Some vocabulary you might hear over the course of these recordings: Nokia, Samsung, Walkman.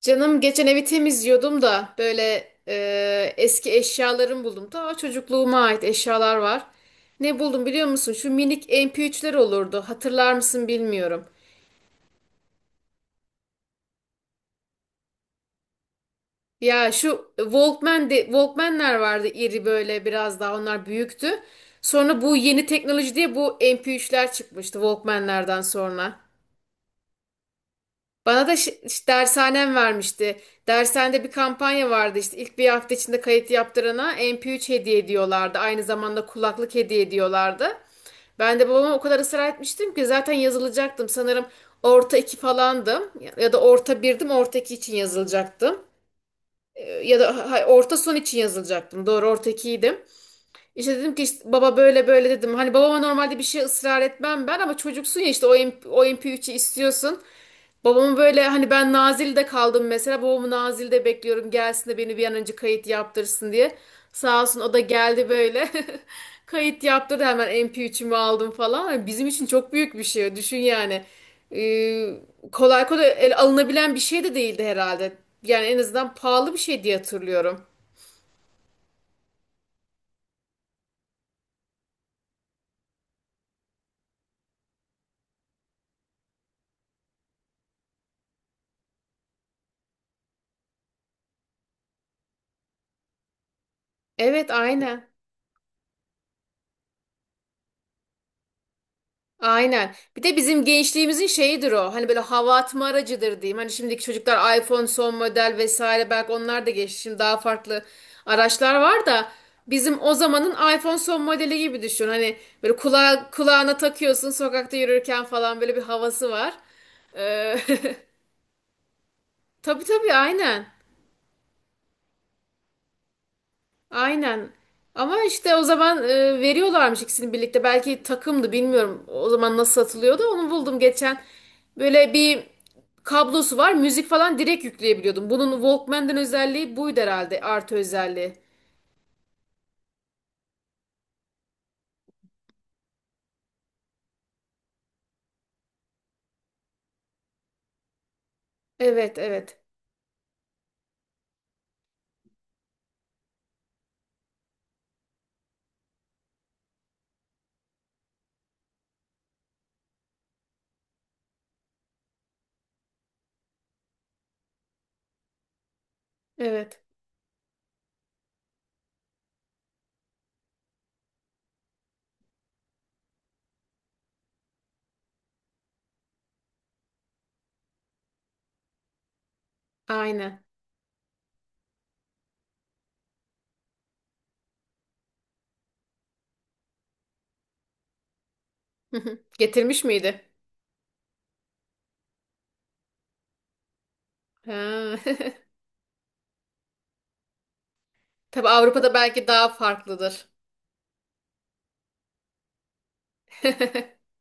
Canım geçen evi temizliyordum da böyle eski eşyalarımı buldum. Ta çocukluğuma ait eşyalar var. Ne buldum biliyor musun? Şu minik MP3'ler olurdu. Hatırlar mısın bilmiyorum. Ya şu Walkman'ler vardı iri böyle biraz daha onlar büyüktü. Sonra bu yeni teknoloji diye bu MP3'ler çıkmıştı Walkman'lerden sonra. Bana da dershanem vermişti. Dershanede bir kampanya vardı işte ilk bir hafta içinde kayıt yaptırana MP3 hediye ediyorlardı. Aynı zamanda kulaklık hediye ediyorlardı. Ben de babama o kadar ısrar etmiştim ki zaten yazılacaktım. Sanırım orta iki falandım ya ya da orta birdim orta iki için yazılacaktım. Ya da orta son için yazılacaktım. Doğru orta ikiydim. İşte dedim ki işte baba böyle böyle dedim. Hani babama normalde bir şey ısrar etmem ben ama çocuksun ya işte o MP3'ü istiyorsun. Babamı böyle hani ben Nazilli'de kaldım mesela. Babamı Nazilli'de bekliyorum gelsin de beni bir an önce kayıt yaptırsın diye. Sağ olsun o da geldi böyle. Kayıt yaptırdı hemen M p 3ümü aldım falan. Hani bizim için çok büyük bir şey. Düşün yani. Ee, Kolay kolay el alınabilen bir şey de değildi herhalde. Yani en azından pahalı bir şey diye hatırlıyorum. Evet, aynen. Aynen. Bir de bizim gençliğimizin şeyidir o. Hani böyle hava atma aracıdır diyeyim. Hani şimdiki çocuklar iPhone son model vesaire belki onlar da geçti. Şimdi daha farklı araçlar var da bizim o zamanın iPhone son modeli gibi düşün. Hani böyle kulağına takıyorsun sokakta yürürken falan böyle bir havası var. Ee, tabii tabii, aynen. Aynen. Ama işte o zaman veriyorlarmış ikisini birlikte. Belki takımdı bilmiyorum. O zaman nasıl satılıyordu. Onu buldum geçen. Böyle bir kablosu var. Müzik falan direkt yükleyebiliyordum. Bunun Walkman'den özelliği buydu herhalde. Artı özelliği. Evet, evet. Evet. Aynen. Getirmiş miydi? Ha. Tabii Avrupa'da belki daha farklıdır.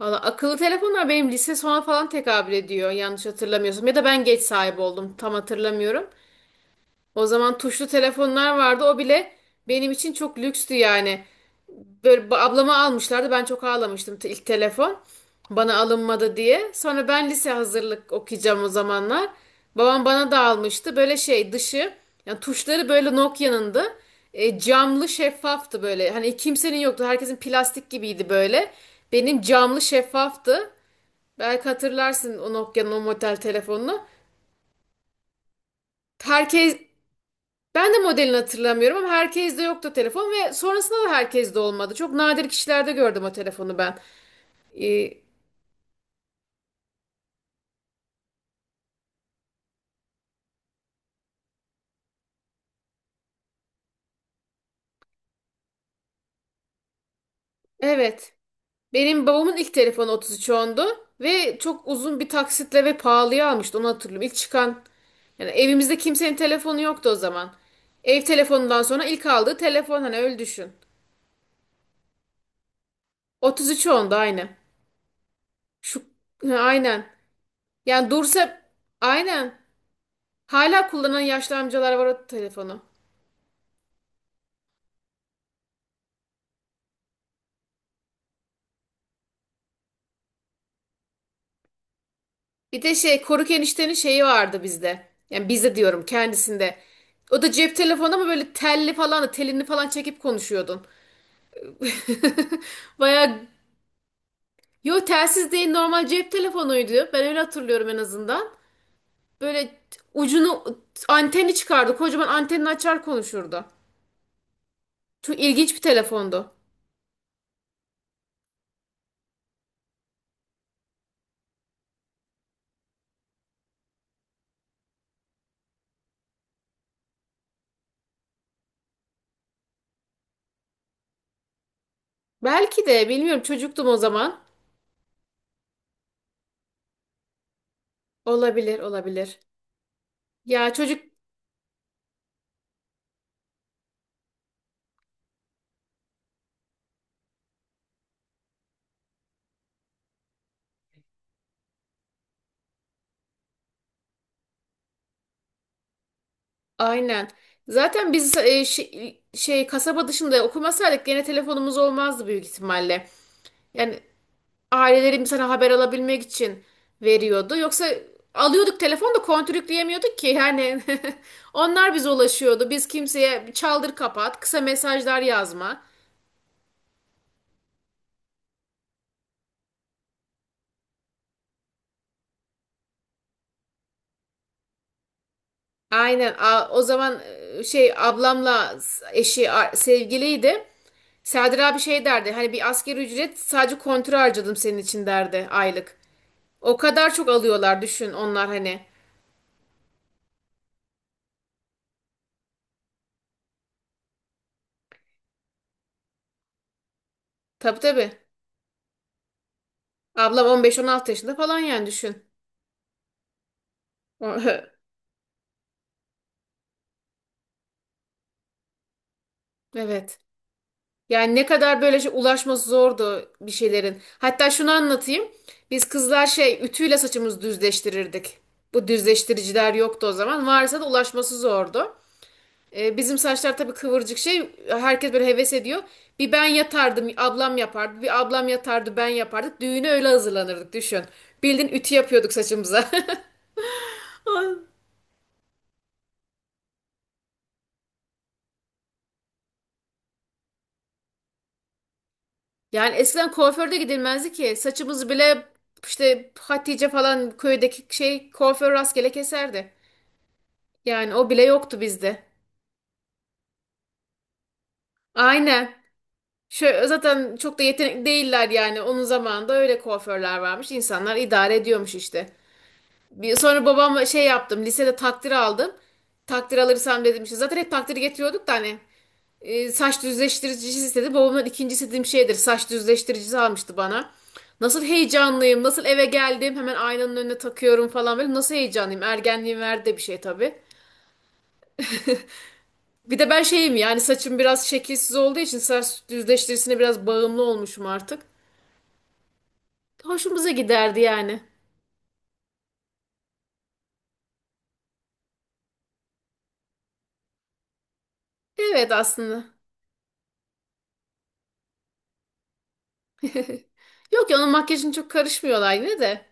Valla akıllı telefonlar benim lise sona falan tekabül ediyor yanlış hatırlamıyorsam. Ya da ben geç sahibi oldum tam hatırlamıyorum. O zaman tuşlu telefonlar vardı. O bile benim için çok lükstü yani. Böyle ablama almışlardı. Ben çok ağlamıştım ilk telefon. Bana alınmadı diye. Sonra ben lise hazırlık okuyacağım o zamanlar. Babam bana da almıştı. Böyle şey dışı yani tuşları böyle Nokia'nındı. Camlı şeffaftı böyle. Hani kimsenin yoktu. Herkesin plastik gibiydi böyle. Benim camlı şeffaftı. Belki hatırlarsın o Nokia'nın o model telefonunu. Herkes ben de modelini hatırlamıyorum ama herkeste yoktu telefon ve sonrasında da herkeste olmadı. Çok nadir kişilerde gördüm o telefonu ben. Ee, evet. Benim babamın ilk telefonu 3310'du ve çok uzun bir taksitle ve pahalıya almıştı onu hatırlıyorum. İlk çıkan yani evimizde kimsenin telefonu yoktu o zaman. Ev telefonundan sonra ilk aldığı telefon hani öyle düşün. 3310'du aynı. Şu ha, aynen. Yani dursa aynen. Hala kullanan yaşlı amcalar var o telefonu. Bir de şey Koruk eniştenin şeyi vardı bizde. Yani bizde diyorum kendisinde. O da cep telefonu ama böyle telli falan da telini falan çekip konuşuyordun. Baya yo telsiz değil normal cep telefonuydu. Ben öyle hatırlıyorum en azından. Böyle ucunu anteni çıkardı. Kocaman antenini açar konuşurdu. Çok ilginç bir telefondu. Belki de bilmiyorum çocuktum o zaman. Olabilir olabilir. Ya çocuk aynen. Zaten biz kasaba dışında okumasaydık gene telefonumuz olmazdı büyük ihtimalle. Yani ailelerim sana haber alabilmek için veriyordu. Yoksa alıyorduk telefonu da kontürkleyemiyorduk ki yani. Onlar bize ulaşıyordu. Biz kimseye çaldır kapat, kısa mesajlar yazma. Aynen. O zaman ablamla eşi sevgiliydi. Serdar abi şey derdi. Hani bir asgari ücret sadece kontrol harcadım senin için derdi aylık. O kadar çok alıyorlar düşün onlar hani. Tabii, tabii. Ablam 15-16 yaşında falan yani düşün. O- Evet. Yani ne kadar böyle şey ulaşması zordu bir şeylerin. Hatta şunu anlatayım. Biz kızlar şey ütüyle saçımızı düzleştirirdik. Bu düzleştiriciler yoktu o zaman. Varsa da ulaşması zordu. Bizim saçlar tabii kıvırcık şey. Herkes böyle heves ediyor. Bir ben yatardım, ablam yapardı. Bir ablam yatardı, ben yapardık. Düğüne öyle hazırlanırdık düşün. Bildiğin ütü yapıyorduk saçımıza. Yani eskiden kuaförde gidilmezdi ki. Saçımız bile işte Hatice falan köydeki şey kuaför rastgele keserdi. Yani o bile yoktu bizde. Aynen. Şöyle, zaten çok da yetenekli değiller yani. Onun zamanında öyle kuaförler varmış. İnsanlar idare ediyormuş işte. Bir, sonra babam şey yaptım. Lisede takdir aldım. Takdir alırsam dedim işte. Zaten hep takdir getiriyorduk da hani. Saç düzleştiricisi istedi. Babamdan ikinci istediğim şeydir. Saç düzleştiricisi almıştı bana. Nasıl heyecanlıyım, nasıl eve geldim, hemen aynanın önüne takıyorum falan böyle. Nasıl heyecanlıyım, ergenliğin verdi de bir şey tabii. Bir de ben şeyim yani saçım biraz şekilsiz olduğu için saç düzleştiricisine biraz bağımlı olmuşum artık. Hoşumuza giderdi yani. Evet aslında. Yok ya onun makyajını çok karışmıyorlar yine de.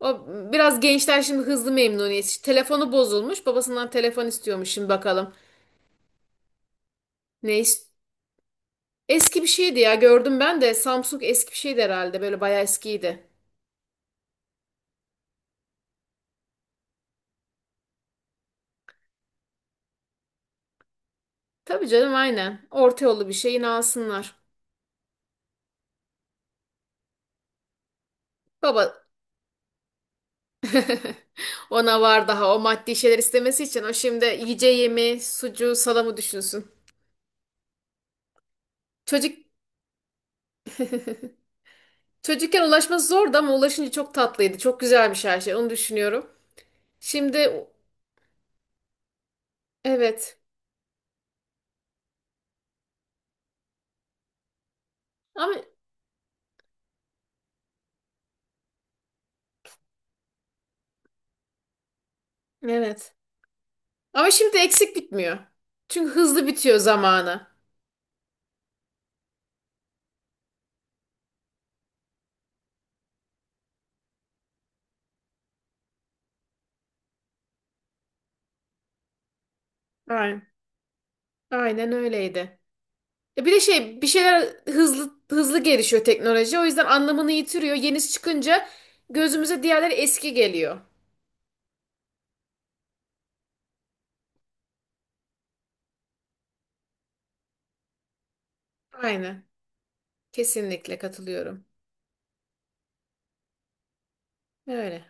O biraz gençler şimdi hızlı memnuniyet. İşte telefonu bozulmuş. Babasından telefon istiyormuş şimdi bakalım. Ne istiyor? Eski bir şeydi ya gördüm ben de Samsung eski bir şeydi herhalde böyle bayağı eskiydi. Tabii canım aynen orta yollu bir şey yine alsınlar. Baba ona var daha o maddi şeyler istemesi için o şimdi yiyeceği yemeği sucuğu salamı düşünsün. Çocuk çocukken ulaşması zordu ama ulaşınca çok tatlıydı çok güzelmiş her şey onu düşünüyorum. Şimdi evet ama evet ama şimdi eksik bitmiyor. Çünkü hızlı bitiyor zamanı. Aynen. Aynen öyleydi. Ya bir de şey bir şeyler hızlı hızlı gelişiyor teknoloji. O yüzden anlamını yitiriyor. Yenisi çıkınca gözümüze diğerleri eski geliyor. Aynen. Kesinlikle katılıyorum. Öyle.